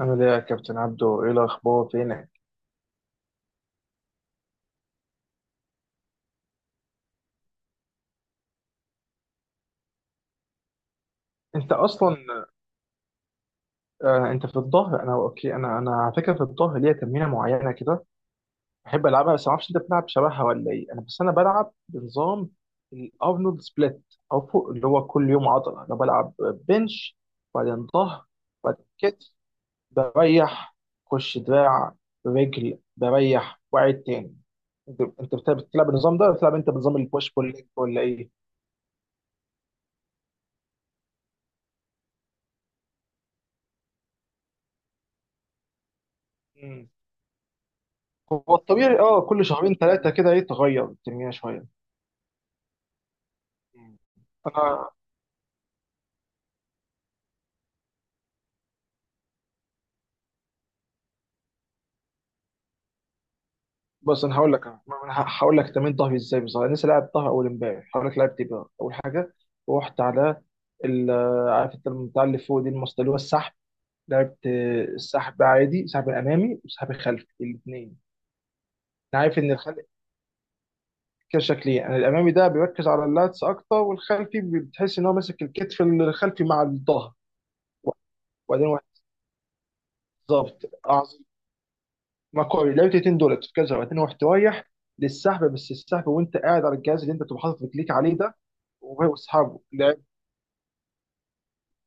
عامل ايه يا كابتن عبدو، ايه الاخبار، فينك؟ انت اصلا آه انت في الظهر. انا اوكي. انا على فكره في الظهر ليا تمرينه معينه كده بحب العبها، بس ما اعرفش انت بتلعب شبهها ولا ايه. انا بس انا بلعب بنظام الارنولد سبليت، او فوق اللي هو كل يوم عضله، انا بلعب بنش بعدين ظهر، بعدين كتف، بريح، خش دراع، رجل، بريح واعد تاني. انت انت بتلعب النظام ده ولا بتلعب انت بنظام البوش بول ليج ولا ايه؟ هو الطبيعي كل شهرين ثلاثه كده، ايه تغير الدنيا شويه. مم. انا بس انا هقول لك انا أنا ه- هقول لك تمرين ظهري ازاي بالظبط. انا لسه لاعب ظهر اول امبارح، هقول لك لعبت ايه بقى. اول حاجه رحت على ال- عارف انت بتاع اللي فوق دي، المسطره اللي هو السحب. لعبت السحب عادي، سحب امامي وسحب خلفي الاثنين. انا عارف ان الخلفي كده شكلين، يعني الامامي ده بيركز على اللاتس اكتر، والخلفي بتحس ان هو ماسك الكتف الخلفي مع الظهر، وبعدين واحد بالظبط. ما كويس، لعبت 200 دولار بتتكلم 201 رايح للسحب، بس السحب وانت قاعد على الجهاز اللي انت بتبقى حاطط رجليك عليه ده، وهو واصحابه لعب.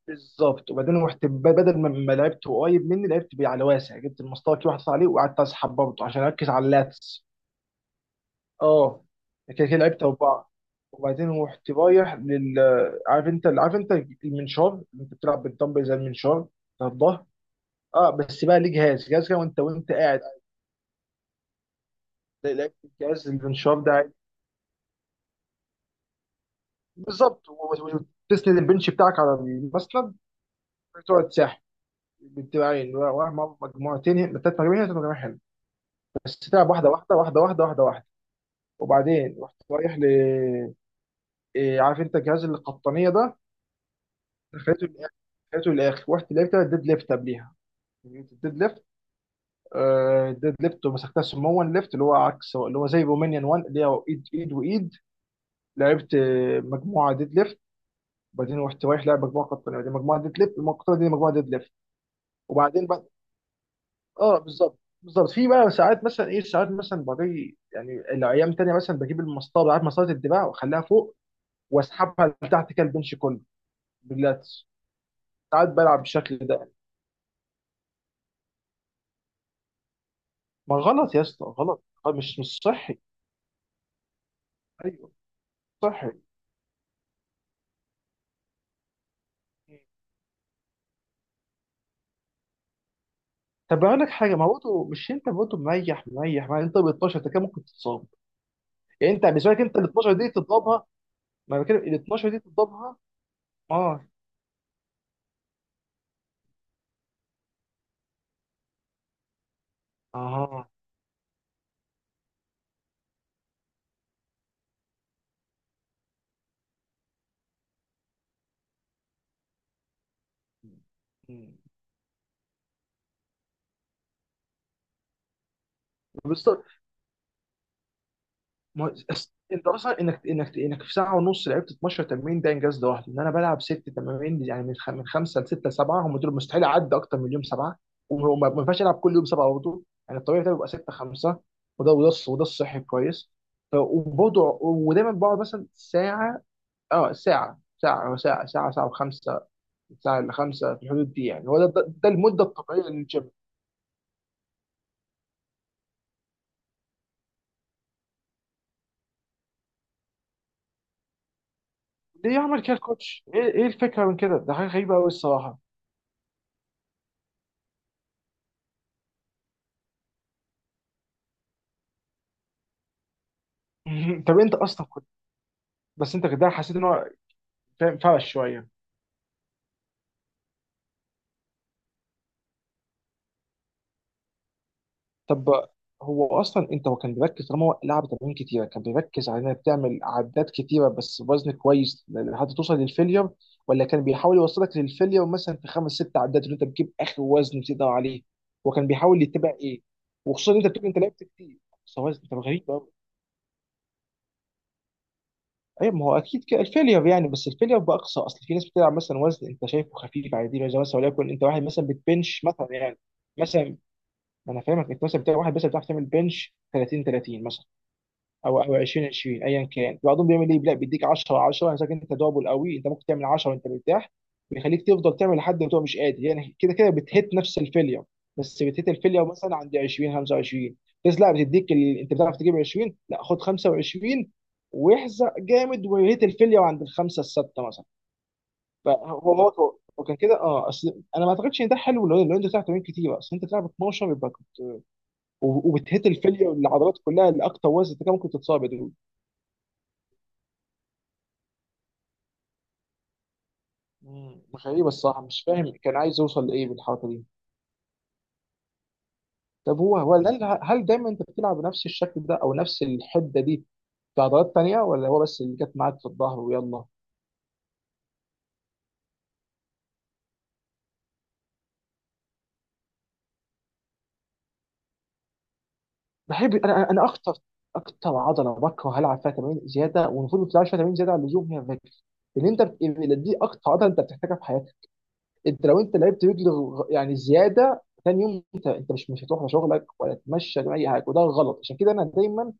بالظبط. وبعدين رحت بدل ما لعبت قريب مني، لعبت بيه على واسع، جبت المسطره كده واحد صار عليه وقعدت اسحب برضه عشان اركز على اللاتس. اه، كده كده لعبت اربعه. وبعدين رحت رايح عارف انت المنشار اللي انت بتلعب بالدمبل زي المنشار بتاع الظهر. اه، بس بقى ليه جهاز كده وانت قاعد، لعبت الجهاز المنشار ده. بالظبط وتسند البنش بتاعك على المسند، وتقعد تساحب بالدراعين ومع مجموعتين هنا، ثلاث مجاميع هنا، ثلاث مجاميع، حلو. بس تلعب واحده واحده واحده واحده واحده واحده. وبعدين رحت رايح ل إيه، عارف انت جهاز القطنيه ده، دخلته للاخر، ورحت لعبت الديد ليفت قبليها، جبت الديد ليفت. الديد ليفت ومسكتها سمون ليفت، اللي هو عكس، اللي هو زي رومانيان 1 اللي هو ايد ايد وايد. لعبت مجموعه ديد ليفت، وبعدين رحت رايح لعب مجموعه قطنيه، وبعدين مجموعه ديد ليفت، المجموعه القطنيه دي مجموعه ديد ليفت. وبعدين اه بالظبط بالظبط، في بقى ساعات مثلا ساعات مثلا بجي يعني الايام تانية، مثلا بجيب المسطره بتاعت مسطره الدراع واخليها فوق، واسحبها لتحت كده البنش كله باللاتس. ساعات بلعب بالشكل ده. ما غلط يا اسطى، غلط. مش صحي. ايوه، صحي. طب اقول لك حاجه، ما برضه مش انت برضه مريح مريح، ما انت ب 12، انت كده ممكن تتصاب. يعني انت بالنسبه لك انت ال 12 دي تضربها، ما أنا بتكلم ال 12 دي تضربها. اه، اه. مم. بالظبط. ما هو انت اصلا انك في ساعه ونص لعبت 12 تمرين، ده انجاز لوحده، ان انا بلعب ست تمارين، يعني من خمسه لسته لسبعه، هم دول، مستحيل اعدي اكتر من يوم سبعه. وما ما ينفعش العب كل يوم سبعه برضه، يعني الطبيعي بتاعي بيبقى سته خمسه، وده الصحي كويس. وبرضه ودايما بقعد مثلا ساعه، اه ساعه وخمسه، ساعه الا خمسه، في الحدود دي يعني، هو ده ده المده الطبيعيه للجيم. ليه يعمل كده الكوتش؟ ايه الفكره من كده؟ ده حاجه غريبه قوي الصراحه. طب انت اصلا بس انت كده حسيت ان هو فاهم، فرش شويه. طب هو اصلا انت هو كان بيركز، طالما هو لعب تمارين كتيره كان بيركز على انك تعمل عدات كتيره بس بوزن كويس لحد توصل للفيلير، ولا كان بيحاول يوصلك للفيلير مثلا في خمس ست عدات، اللي انت بتجيب اخر وزن بتقدر عليه. هو كان بيحاول يتبع ايه؟ وخصوصا ان انت بتقول انت لعبت كتير. بس هو وزن انت غريب قوي. ايوه، ما هو اكيد كده الفيلير يعني، بس الفيلير باقصى، اصل في ناس بتلعب مثلا وزن انت شايفه خفيف عادي، زي مثلا وليكن انت واحد مثلا بتبنش مثلا يعني، مثلا، ما انا فاهمك، انت مثلا بتاع واحد بس بتعرف تعمل بنش 30 30 مثلا، او 20 20 ايا كان، بعضهم بيعمل ايه، لا بيديك 10 10، انا انت دبل قوي، انت ممكن تعمل 10 وانت مرتاح، بيخليك تفضل تعمل لحد ما تبقى مش قادر، يعني كده كده بتهت نفس الفيلير، بس بتهت الفيلير مثلا عند 20 25. بس لا بتديك انت بتعرف تجيب 20، لا خد 25، واحزق جامد وهيت الفيلير عند الخمسه السته مثلا. فهو هو هو كان كده، اصل انا ما اعتقدش ان ده حلو، لو انت بتلعب تمارين كتير، اصل انت بتلعب 12 يبقى وبتهت الفليه والعضلات كلها لاكتر وزن، انت كان ممكن تتصاب يا دود. مم. غريبه الصراحه، مش فاهم كان عايز يوصل لايه بالحركه دي. طب هو هل دايما انت بتلعب بنفس الشكل ده او نفس الحده دي في عضلات تانيه، ولا هو بس اللي جت معاك في الظهر ويلا؟ بحب انا اكتر، اكتر عضله بكره هلعب فيها تمارين زياده والمفروض ما تلعبش فيها تمارين زياده على اللزوم هي الرجل. لان انت دي اكتر عضله انت بتحتاجها في حياتك. انت لو انت لعبت رجل يعني زياده تاني يوم، انت مش هتروح لشغلك ولا تتمشى ولا اي حاجه، وده غلط. عشان كده انا دايما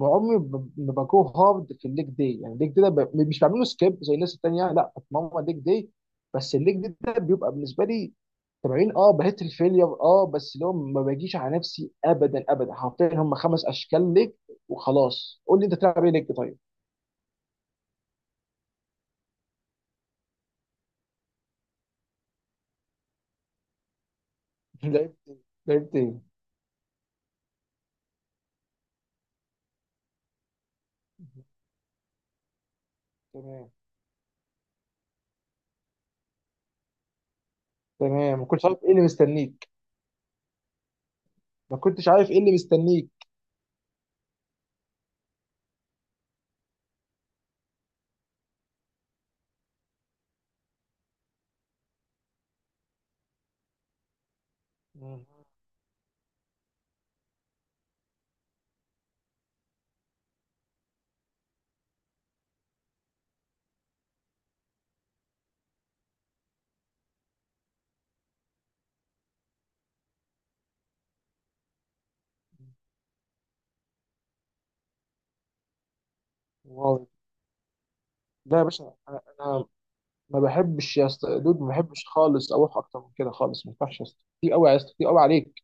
عمري ما بجو هارد في الليج داي. يعني الليج داي ده مش بعمله سكيب زي الناس التانيه، لا بتمرن الليج داي. بس الليج داي ده بيبقى بالنسبه لي تمارين، بهت الفيلير، بس اللي هو ما باجيش على نفسي ابدا ابدا، حرفيا هم خمس اشكال ليج وخلاص. قول لي انت بتلعب ايه ليج طيب. لعبت ايه؟ لعبت ايه. تمام تمام، ما كنتش عارف ايه اللي مستنيك. ما كنتش عارف ايه اللي مستنيك. مم. واو. لا يا باشا، انا ما بحبش يا اسطى دود، ما بحبش خالص اروح اكتر من كده خالص، ما ينفعش يا اسطى، كتير قوي يا اسطى، كتير قوي عليك.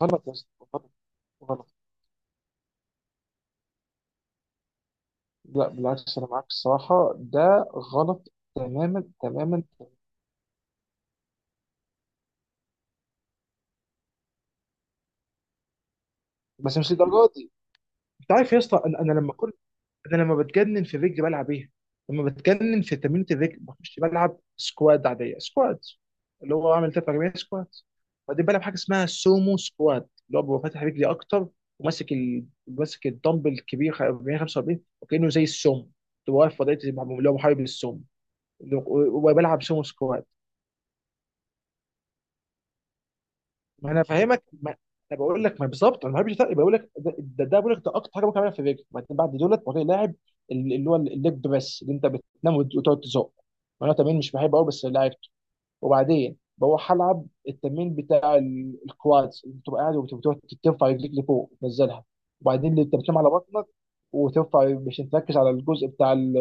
غلط يا اسطى، غلط غلط. لا بالعكس، انا معاك الصراحه ده غلط تماما تماما، بس مش للدرجه دي. انت عارف يا اسطى، انا لما بتجنن في الرجل بلعب ايه؟ لما بتجنن في تمرينة الرجل مش بلعب سكواد عادية، سكواد اللي هو عامل تلات أربعين سكواد، وبعدين بلعب حاجة اسمها سومو سكواد، اللي هو ببقى فاتح رجلي أكتر، وماسك ماسك الدمبل الكبير 40 45، وكأنه زي السومو، تبقى واقف في وضعية اللي هو محارب للسومو، وبلعب سومو سكواد. ما انا فاهمك، ما انا بقول لك، ما بالظبط، انا ما بحبش ده، بقول لك ده ده بقول لك ده اكتر حاجه ممكن اعملها في الرجل. بعدين بعد دولت بقى لاعب اللي هو الليج بريس، اللي انت بتنام وتقعد تزق، وانا تمرين مش بحبه قوي بس لعبته. وبعدين بروح العب التمرين بتاع الكوادز، اللي بتبقى قاعد وبتقعد ترفع رجليك لفوق تنزلها. وبعدين اللي انت بتنام على بطنك وترفع، مش تركز على الجزء بتاع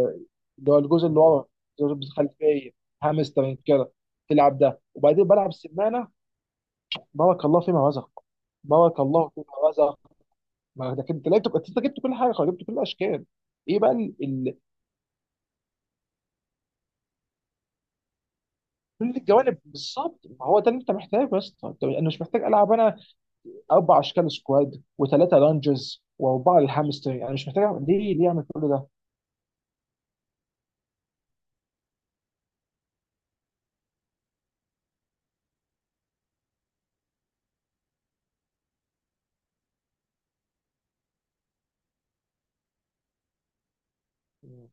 اللي هو الجزء اللي ورا، الجزء الخلفيه، هامسترنج كده، تلعب ده. وبعدين بلعب سمانه، بارك الله فيما رزق. بارك الله فيما رزق. ما ده كنت، لا، تبقى انت جبت كل حاجه، خلاص، جبت كل الاشكال. ايه بقى كل الجوانب. بالظبط، ما هو ده اللي انت محتاجه يا اسطى. انا مش محتاج العب، انا اربع اشكال سكواد وثلاثه لانجز واربعه للهامستر، انا مش محتاج ليه اعمل كل ده.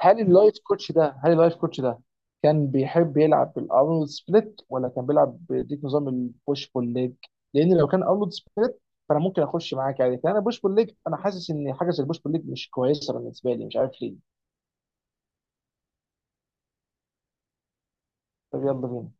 هل اللايف كوتش ده كان بيحب يلعب بالارنولد سبليت ولا كان بيلعب بديك نظام البوش بول ليج؟ لان لو كان ارنولد سبليت، فانا ممكن اخش معاك عادي. كان انا بوش بول ليج، انا حاسس ان حاجه زي البوش بول ليج مش كويسه بالنسبه لي، مش عارف ليه. طب يلا بينا.